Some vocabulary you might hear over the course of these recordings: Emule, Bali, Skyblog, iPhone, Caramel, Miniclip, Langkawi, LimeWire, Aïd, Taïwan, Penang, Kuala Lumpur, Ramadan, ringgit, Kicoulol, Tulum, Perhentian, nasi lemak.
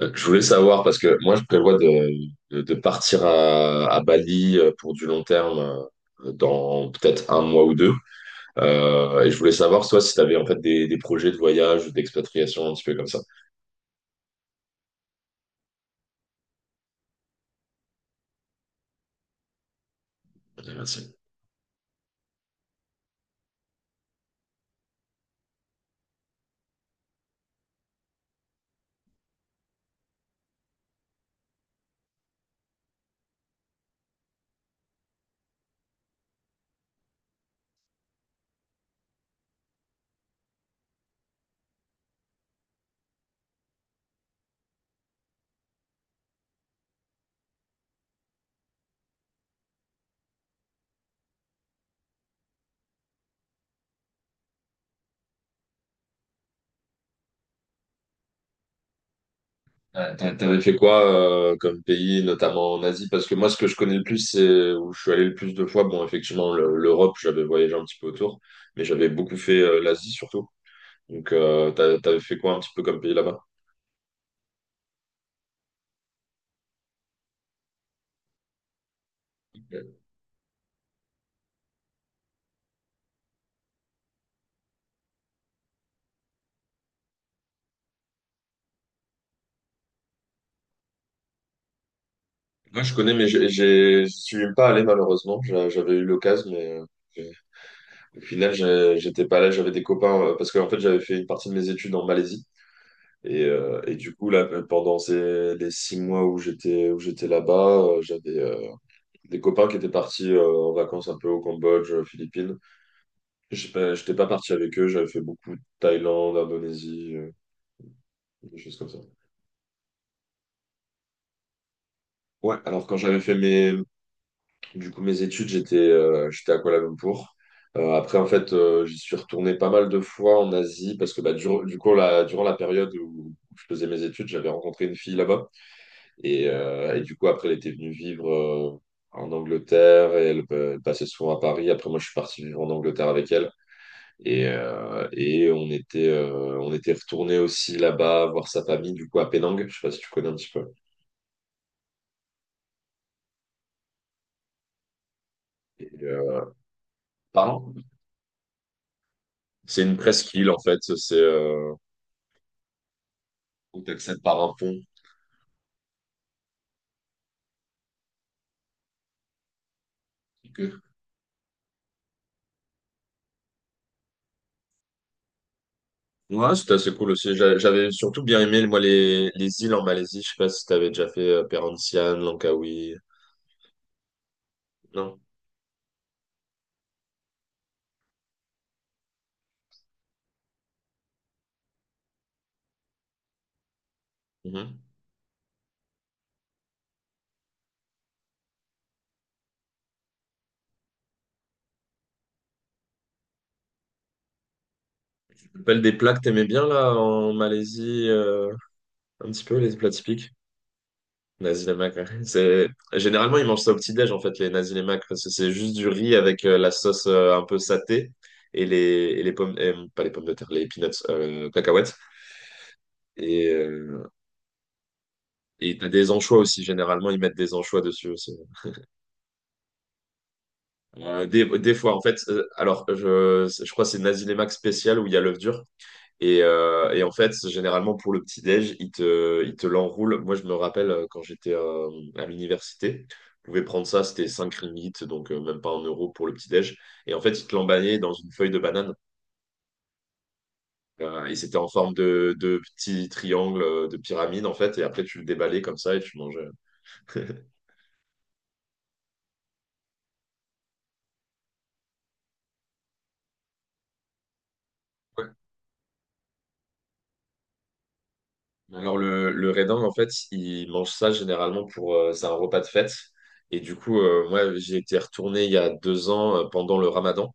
Je voulais savoir, parce que moi, je prévois de partir à Bali pour du long terme dans peut-être un mois ou deux. Et je voulais savoir, toi, si tu avais en fait des projets de voyage, ou d'expatriation, un petit peu comme ça. Ok, merci. T'avais fait quoi comme pays, notamment en Asie? Parce que moi, ce que je connais le plus, c'est où je suis allé le plus de fois. Bon, effectivement, l'Europe, j'avais voyagé un petit peu autour, mais j'avais beaucoup fait l'Asie surtout. Donc, t'avais fait quoi un petit peu comme pays là-bas? Moi, je connais, mais je suis pas allé malheureusement. J'avais eu l'occasion, mais j'ai- au final, j'étais pas là. J'avais des copains parce que en fait, j'avais fait une partie de mes études en Malaisie et du coup là, pendant les 6 mois où j'étais là-bas, j'avais des copains qui étaient partis en vacances un peu au Cambodge, aux Philippines. Je pas, J'étais pas parti avec eux. J'avais fait beaucoup de Thaïlande, Indonésie, des choses comme ça. Ouais. Alors quand j'avais fait mes Du coup, mes études, j'étais à Kuala Lumpur. Après, en fait, j'y suis retourné pas mal de fois en Asie parce que bah, du coup, durant la période où je faisais mes études, j'avais rencontré une fille là-bas. Et du coup, après, elle était venue vivre en Angleterre et elle passait souvent à Paris. Après, moi, je suis parti vivre en Angleterre avec elle. Et on était retourné aussi là-bas voir sa famille, du coup, à Penang. Je sais pas si tu connais un petit peu. Et, euh, Pardon? C'est une presqu'île, en fait. C'est, où tu accèdes par un pont. Ok. Ouais, c'était assez cool aussi. J'avais surtout bien aimé, moi, les îles en Malaisie. Je sais pas si t'avais déjà fait Perhentian, Langkawi. Non. Mhm. Tu te rappelles des plats que t'aimais bien, là, en Malaisie, un petit peu, les plats typiques? Nasi lemak, ouais. Généralement, ils mangent ça au petit-déj, en fait, les nasi lemak, parce que c'est juste du riz avec la sauce un peu satée et les, et les pommes, pas les pommes de terre, les peanuts, cacahuètes. Et, euh, et t'as des anchois aussi, généralement, ils mettent des anchois dessus aussi. Des fois, en fait, alors je crois que c'est Nazilémac spécial où il y a l'œuf dur. Et en fait, généralement pour le petit-déj, il te l'enroule. Moi, je me rappelle quand j'étais à l'université, je pouvais prendre ça, c'était 5 ringgit, donc même pas 1 euro pour le petit-déj. Et en fait, il te l'emballait dans une feuille de banane. Et c'était en forme de petit triangle, de pyramide, en fait. Et après, tu le déballais comme ça et tu mangeais. Alors le raisin, en fait, il mange ça généralement pour... c'est un repas de fête. Et du coup, moi, j'ai été retourné il y a 2 ans pendant le Ramadan.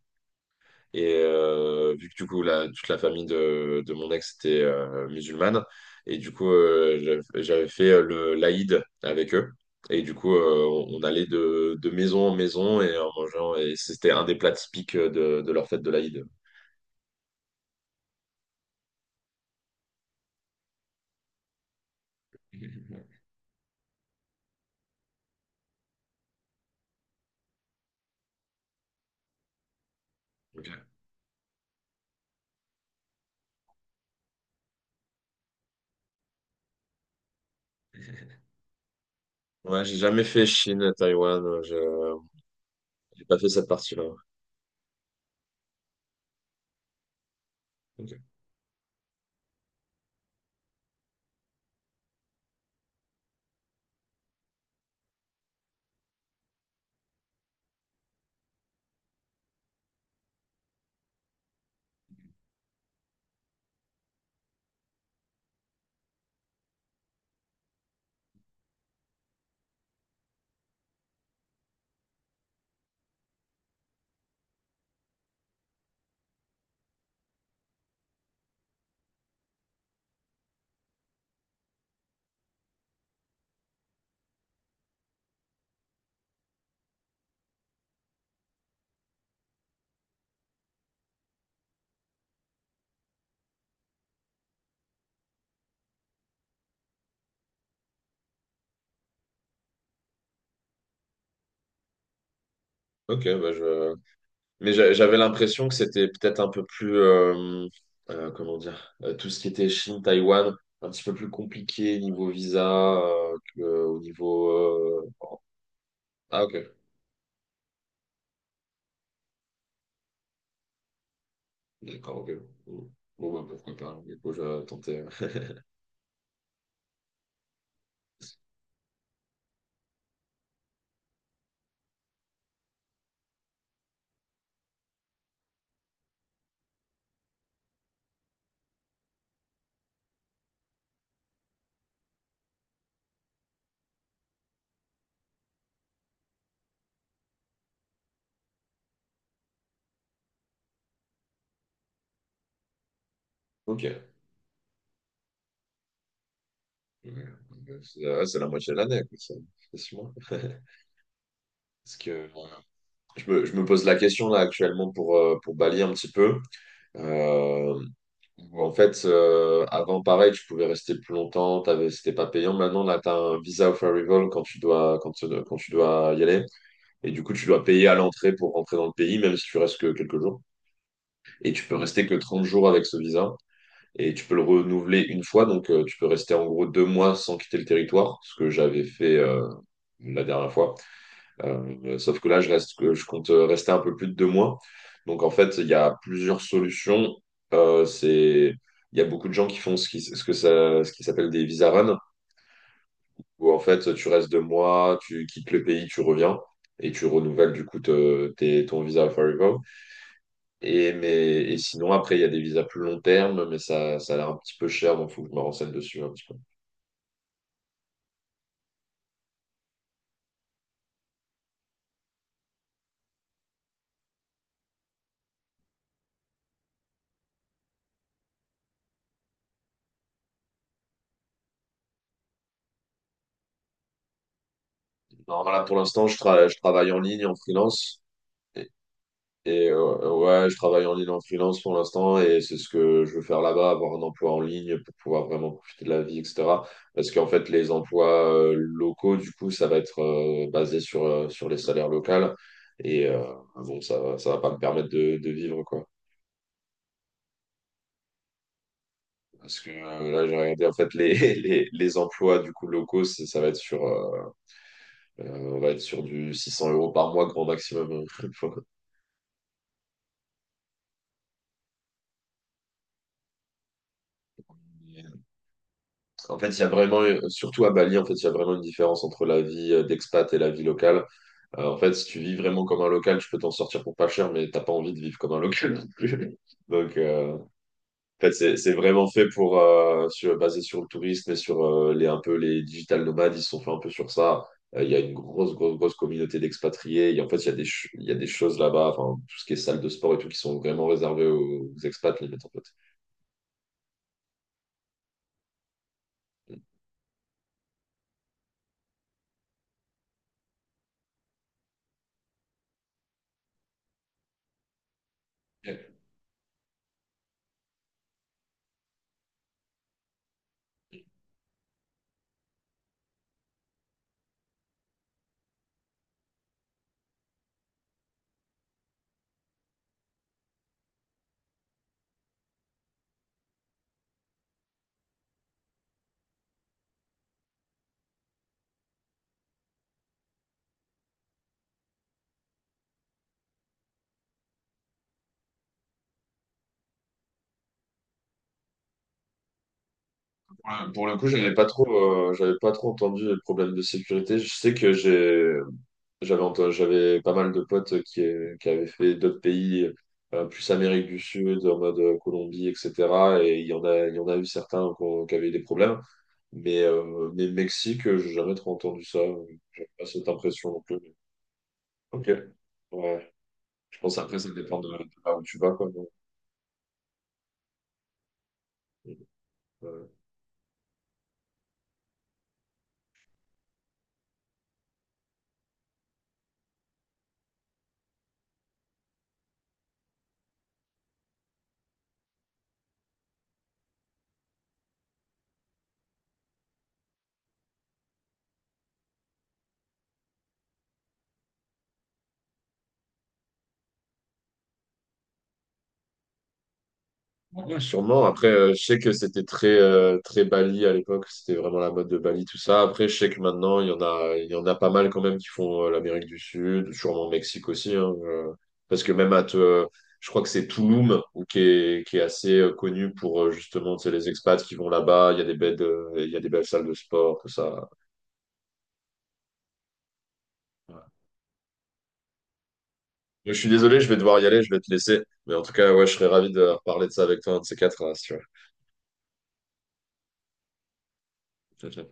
Vu que du coup, toute la famille de mon ex était musulmane, et du coup, j'avais fait le l'Aïd avec eux. Et du coup, on allait de maison en maison et en mangeant. Et c'était un des plats typiques de leur fête de l'Aïd. Ok. Ouais, j'ai jamais fait Chine, Taïwan. Je j'ai pas fait cette partie-là. Ok. Ok, mais j'avais l'impression que c'était peut-être un peu plus, comment dire, tout ce qui était Chine, Taïwan, un petit peu plus compliqué niveau visa, que, au niveau. Bon. Ah ok, d'accord, ok. Bon, bon, bah, pourquoi pas, du coup, je tentais. Ok, ouais, c'est la moitié de l'année, quoi, ça, c'est 6 mois. Parce que je me pose la question là actuellement pour balayer un petit peu. Euh, Où, en fait, avant, pareil, tu pouvais rester plus longtemps, c'était pas payant. Maintenant, là, tu as un visa of arrival quand tu dois y aller. Et du coup, tu dois payer à l'entrée pour rentrer dans le pays, même si tu restes que quelques jours. Et tu peux rester que 30 jours avec ce visa. Et tu peux le renouveler une fois. Donc, tu peux rester en gros 2 mois sans quitter le territoire, ce que j'avais fait la dernière fois. Sauf que là, que je compte rester un peu plus de 2 mois. Donc en fait, il y a plusieurs solutions. Euh, c'est, il y a beaucoup de gens qui font ce qui, ce que ça, ce qui s'appelle des visa run, où en fait, tu restes 2 mois, tu quittes le pays, tu reviens et tu renouvelles du coup ton visa Forever. Et sinon, après, il y a des visas plus long terme, mais ça a l'air un petit peu cher, donc il faut que je me renseigne dessus un petit peu. Non, là, pour l'instant, je travaille en ligne, en freelance. Ouais, je travaille en ligne en freelance pour l'instant et c'est ce que je veux faire là-bas, avoir un emploi en ligne pour pouvoir vraiment profiter de la vie, etc. Parce qu'en fait, les emplois locaux, du coup, ça va être basé sur les salaires locaux. Et euh, bon, ça va pas me permettre de vivre, quoi. Parce que là, j'ai regardé, en fait, les emplois, du coup, locaux, ça va être euh, on va être sur du 600 € par mois, grand maximum. hein. En fait, il y a vraiment, Surtout à Bali, en fait, il y a vraiment une différence entre la vie d'expat et la vie locale. En fait, si tu vis vraiment comme un local, tu peux t'en sortir pour pas cher, mais t'as pas envie de vivre comme un local non plus. Donc, en fait, c'est vraiment fait basé sur le tourisme et sur un peu les digital nomades, ils se sont fait un peu sur ça. Il y a une grosse, grosse, grosse communauté d'expatriés. Et en fait, il y a des choses là-bas, enfin, tout ce qui est salle de sport et tout, qui sont vraiment réservées aux expats, limite, en fait. Ouais, pour le coup, j'avais pas trop entendu le problème de sécurité. Je sais que j'ai, j'avais, ent- J'avais pas mal de potes qui avaient fait d'autres pays, plus Amérique du Sud, en mode Colombie, etc. Il y en a eu certains qui avaient eu des problèmes. Mais Mexique, j'ai jamais trop entendu ça. J'ai pas cette impression non plus. Ok. Ouais. Je pense après, ça dépend de là où tu vas, quoi. Ouais, sûrement. Après, je sais que c'était très Bali à l'époque. C'était vraiment la mode de Bali, tout ça. Après, je sais que maintenant, il y en a pas mal quand même qui font l'Amérique du Sud, sûrement Mexique aussi, hein, parce que je crois que c'est Tulum ou qui est assez connu pour justement, tu sais, les expats qui vont là-bas. Il y a des belles salles de sport, tout ça. Ouais. Je suis désolé, je vais devoir y aller, je vais te laisser. Mais en tout cas, ouais, je serais ravi de reparler de ça avec toi, un de ces quatre, là, si tu veux. Ciao, ciao.